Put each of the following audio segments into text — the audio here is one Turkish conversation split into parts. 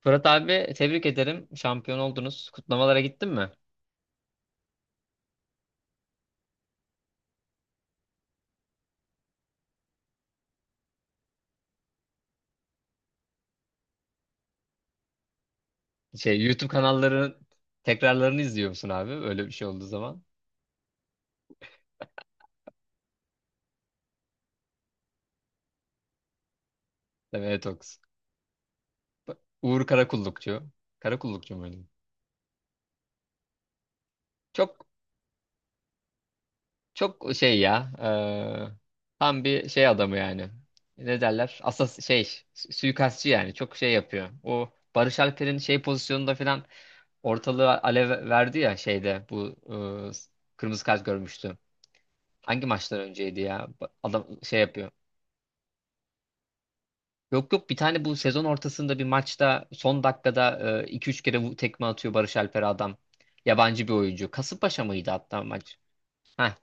Fırat abi, tebrik ederim. Şampiyon oldunuz. Kutlamalara gittin mi? YouTube kanallarının tekrarlarını izliyor musun abi? Öyle bir şey olduğu zaman. Demeye Toks. Uğur Karakullukçu. Karakullukçu muydu? Çok çok şey ya. Tam bir şey adamı yani. Ne derler? Asas şey, suikastçı yani. Çok şey yapıyor. O Barış Alper'in şey pozisyonunda falan ortalığı alev verdi ya, şeyde bu eee, kırmızı kart görmüştü. Hangi maçtan önceydi ya? Adam şey yapıyor. Yok yok, bir tane bu sezon ortasında bir maçta son dakikada iki üç kere tekme atıyor Barış Alper adam. Yabancı bir oyuncu. Kasımpaşa mıydı hatta maç? Heh,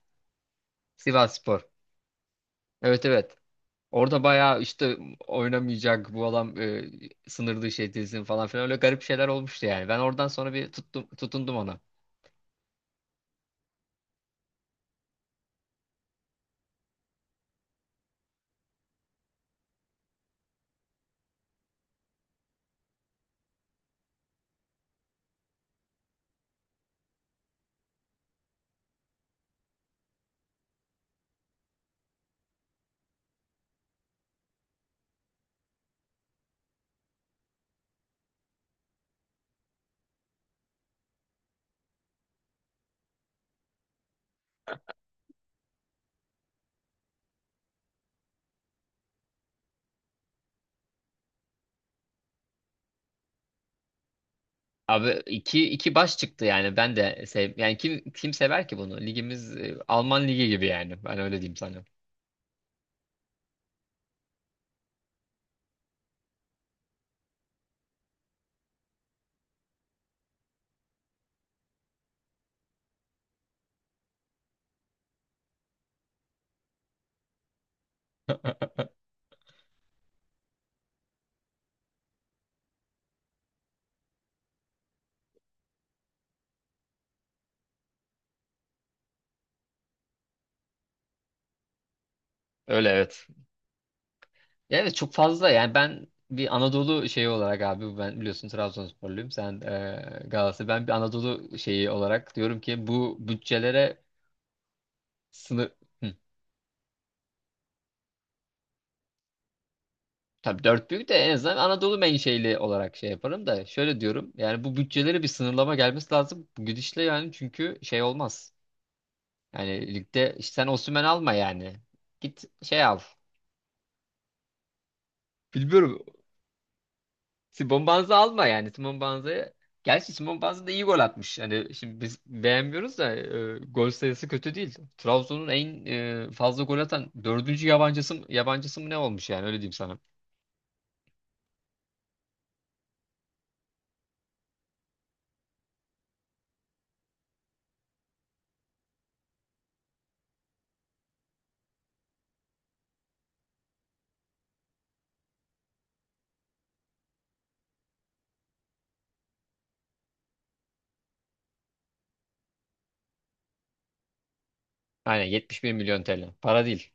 Sivasspor. Evet, evet. Orada bayağı işte oynamayacak bu adam, sınır dışı edilsin falan filan öyle garip şeyler olmuştu yani. Ben oradan sonra bir tuttum, tutundum ona. Abi, iki baş çıktı yani, ben de sev yani kim sever ki bunu? Ligimiz Alman ligi gibi yani, ben öyle diyeyim sana. Öyle, evet. Ya evet, çok fazla yani ben bir Anadolu şeyi olarak abi, ben biliyorsun Trabzonsporluyum, sen Galatasaray, ben bir Anadolu şeyi olarak diyorum ki bu bütçelere sınır. Hı, tabii dört büyük de en azından Anadolu menşeli olarak şey yaparım da, şöyle diyorum yani bu bütçelere bir sınırlama gelmesi lazım bu gidişle yani. Çünkü şey olmaz yani, ligde işte, sen Osimhen alma yani, git şey al, bilmiyorum, Simon Banza alma yani. Simon Banza'ya... Gerçi Simon Banza da iyi gol atmış. Hani şimdi biz beğenmiyoruz da, gol sayısı kötü değil. Trabzon'un en fazla gol atan dördüncü yabancısı mı, ne olmuş yani, öyle diyeyim sana. Aynen, 71 milyon TL. Para değil.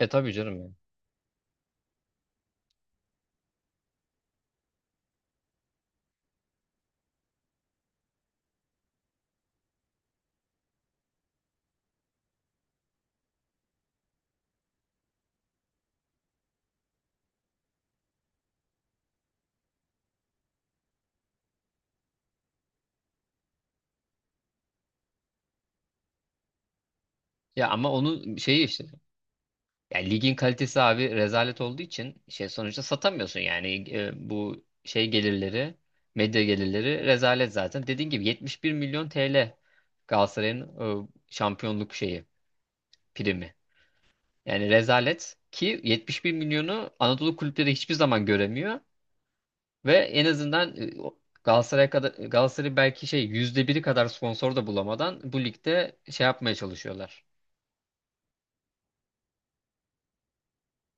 E tabii canım yani. Ya ama onun şeyi işte... Ya ligin kalitesi abi rezalet olduğu için şey, sonuçta satamıyorsun yani bu şey gelirleri, medya gelirleri rezalet zaten. Dediğin gibi 71 milyon TL Galatasaray'ın e, şampiyonluk şeyi primi. Yani rezalet ki 71 milyonu Anadolu kulüpleri hiçbir zaman göremiyor ve en azından Galatasaray'a kadar Galatasaray belki şey %1'i kadar sponsor da bulamadan bu ligde şey yapmaya çalışıyorlar.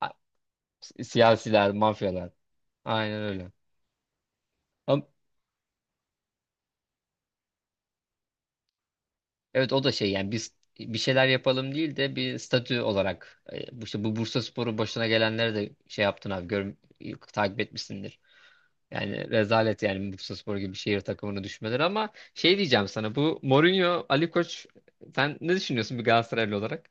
A- Siyasiler, mafyalar. Aynen öyle. Evet, o da şey yani biz bir şeyler yapalım değil de bir statü olarak, bu işte bu Bursaspor'u başına gelenlere de şey yaptın abi, gör, takip etmişsindir. Yani rezalet, yani Bursaspor gibi şehir takımını düşmeleri. Ama şey diyeceğim sana, bu Mourinho Ali Koç, sen ne düşünüyorsun bir Galatasaraylı olarak?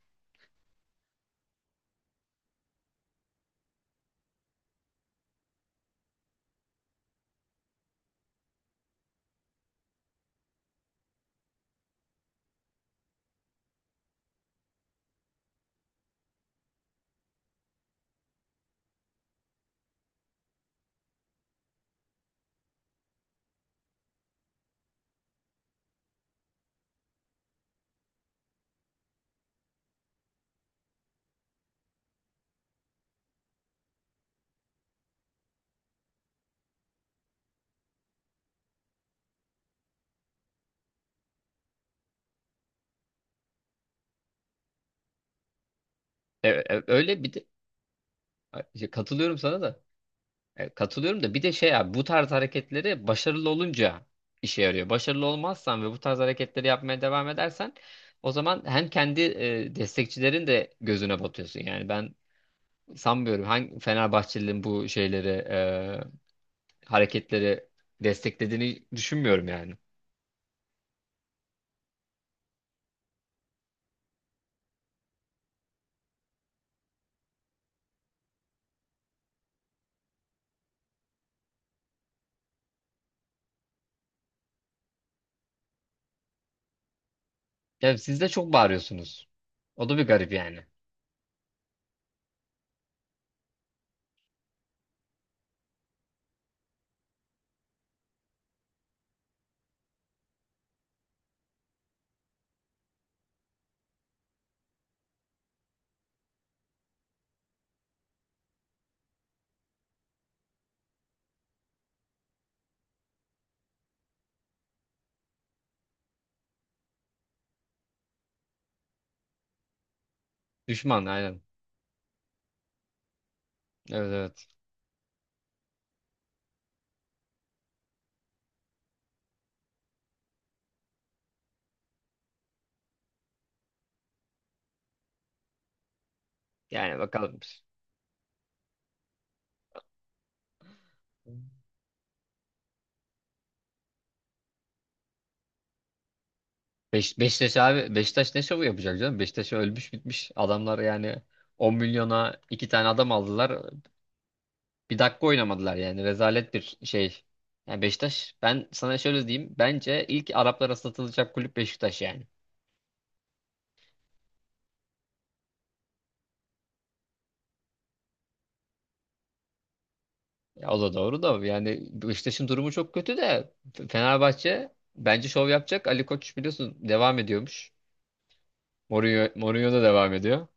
E, e, öyle bir de- Ay, katılıyorum sana da. Katılıyorum da, bir de şey abi, bu tarz hareketleri başarılı olunca işe yarıyor. Başarılı olmazsan ve bu tarz hareketleri yapmaya devam edersen, o zaman hem kendi destekçilerin de gözüne batıyorsun. Yani ben sanmıyorum, hangi Fenerbahçelilerin bu şeyleri hareketleri desteklediğini düşünmüyorum yani. Ya siz de çok bağırıyorsunuz. O da bir garip yani. Düşman, aynen. Evet, evet. Yani bakalım. Beşiktaş abi, Beşiktaş ne şovu yapacak canım? Beşiktaş ölmüş bitmiş. Adamlar yani 10 milyona iki tane adam aldılar. Bir dakika oynamadılar yani. Rezalet bir şey. Yani Beşiktaş, ben sana şöyle diyeyim. Bence ilk Araplara satılacak kulüp Beşiktaş yani. Ya o da doğru da, yani Beşiktaş'ın durumu çok kötü de, Fenerbahçe bence şov yapacak. Ali Koç biliyorsun devam ediyormuş. Mourinho da devam ediyor.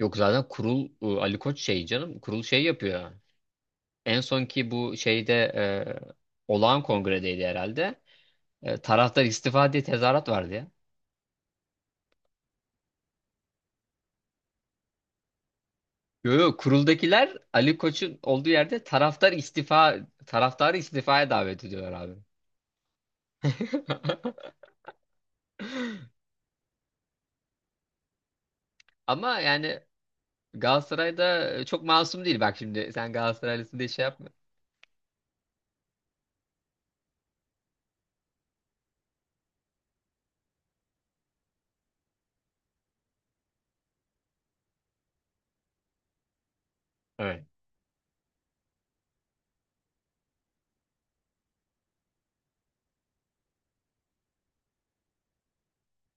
Yok, zaten kurul Ali Koç şey canım kurul şey yapıyor. En sonki bu şeyde, olağan kongredeydi herhalde. E, taraftar istifa diye tezahürat vardı ya. Yo, yo, kuruldakiler Ali Koç'un olduğu yerde taraftar istifa, taraftarı istifaya davet ediyorlar abi. Ama yani Galatasaray'da çok masum değil. Bak şimdi, sen Galatasaraylısın diye şey yapma. Evet.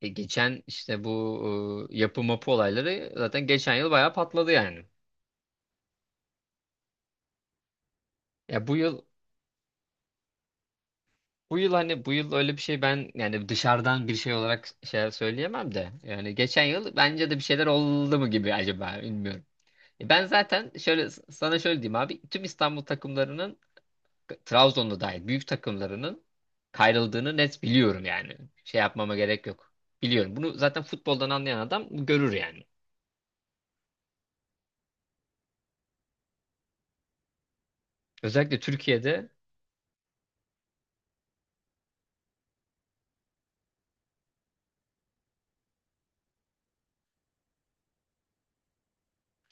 E, geçen işte bu yapı mapı olayları zaten geçen yıl bayağı patladı yani. Ya bu yıl Bu yıl, hani bu yıl öyle bir şey, ben yani dışarıdan bir şey olarak şey söyleyemem de, yani geçen yıl bence de bir şeyler oldu mu gibi acaba, bilmiyorum. Ben zaten şöyle sana şöyle diyeyim abi, tüm İstanbul takımlarının, Trabzon'da dahil büyük takımlarının kayrıldığını net biliyorum yani. Şey yapmama gerek yok. Biliyorum. Bunu zaten futboldan anlayan adam görür yani. Özellikle Türkiye'de,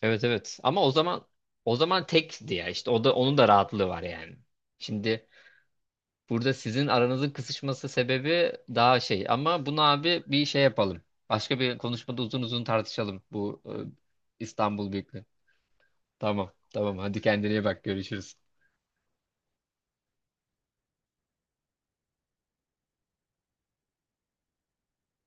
evet, evet. Ama o zaman tekti ya işte, o da onun da rahatlığı var yani. Şimdi, burada sizin aranızın kısışması sebebi daha şey, ama bunu abi bir şey yapalım. Başka bir konuşmada uzun uzun tartışalım bu İstanbul Büyüklüğü. Tamam, tamam, hadi kendine iyi bak, görüşürüz.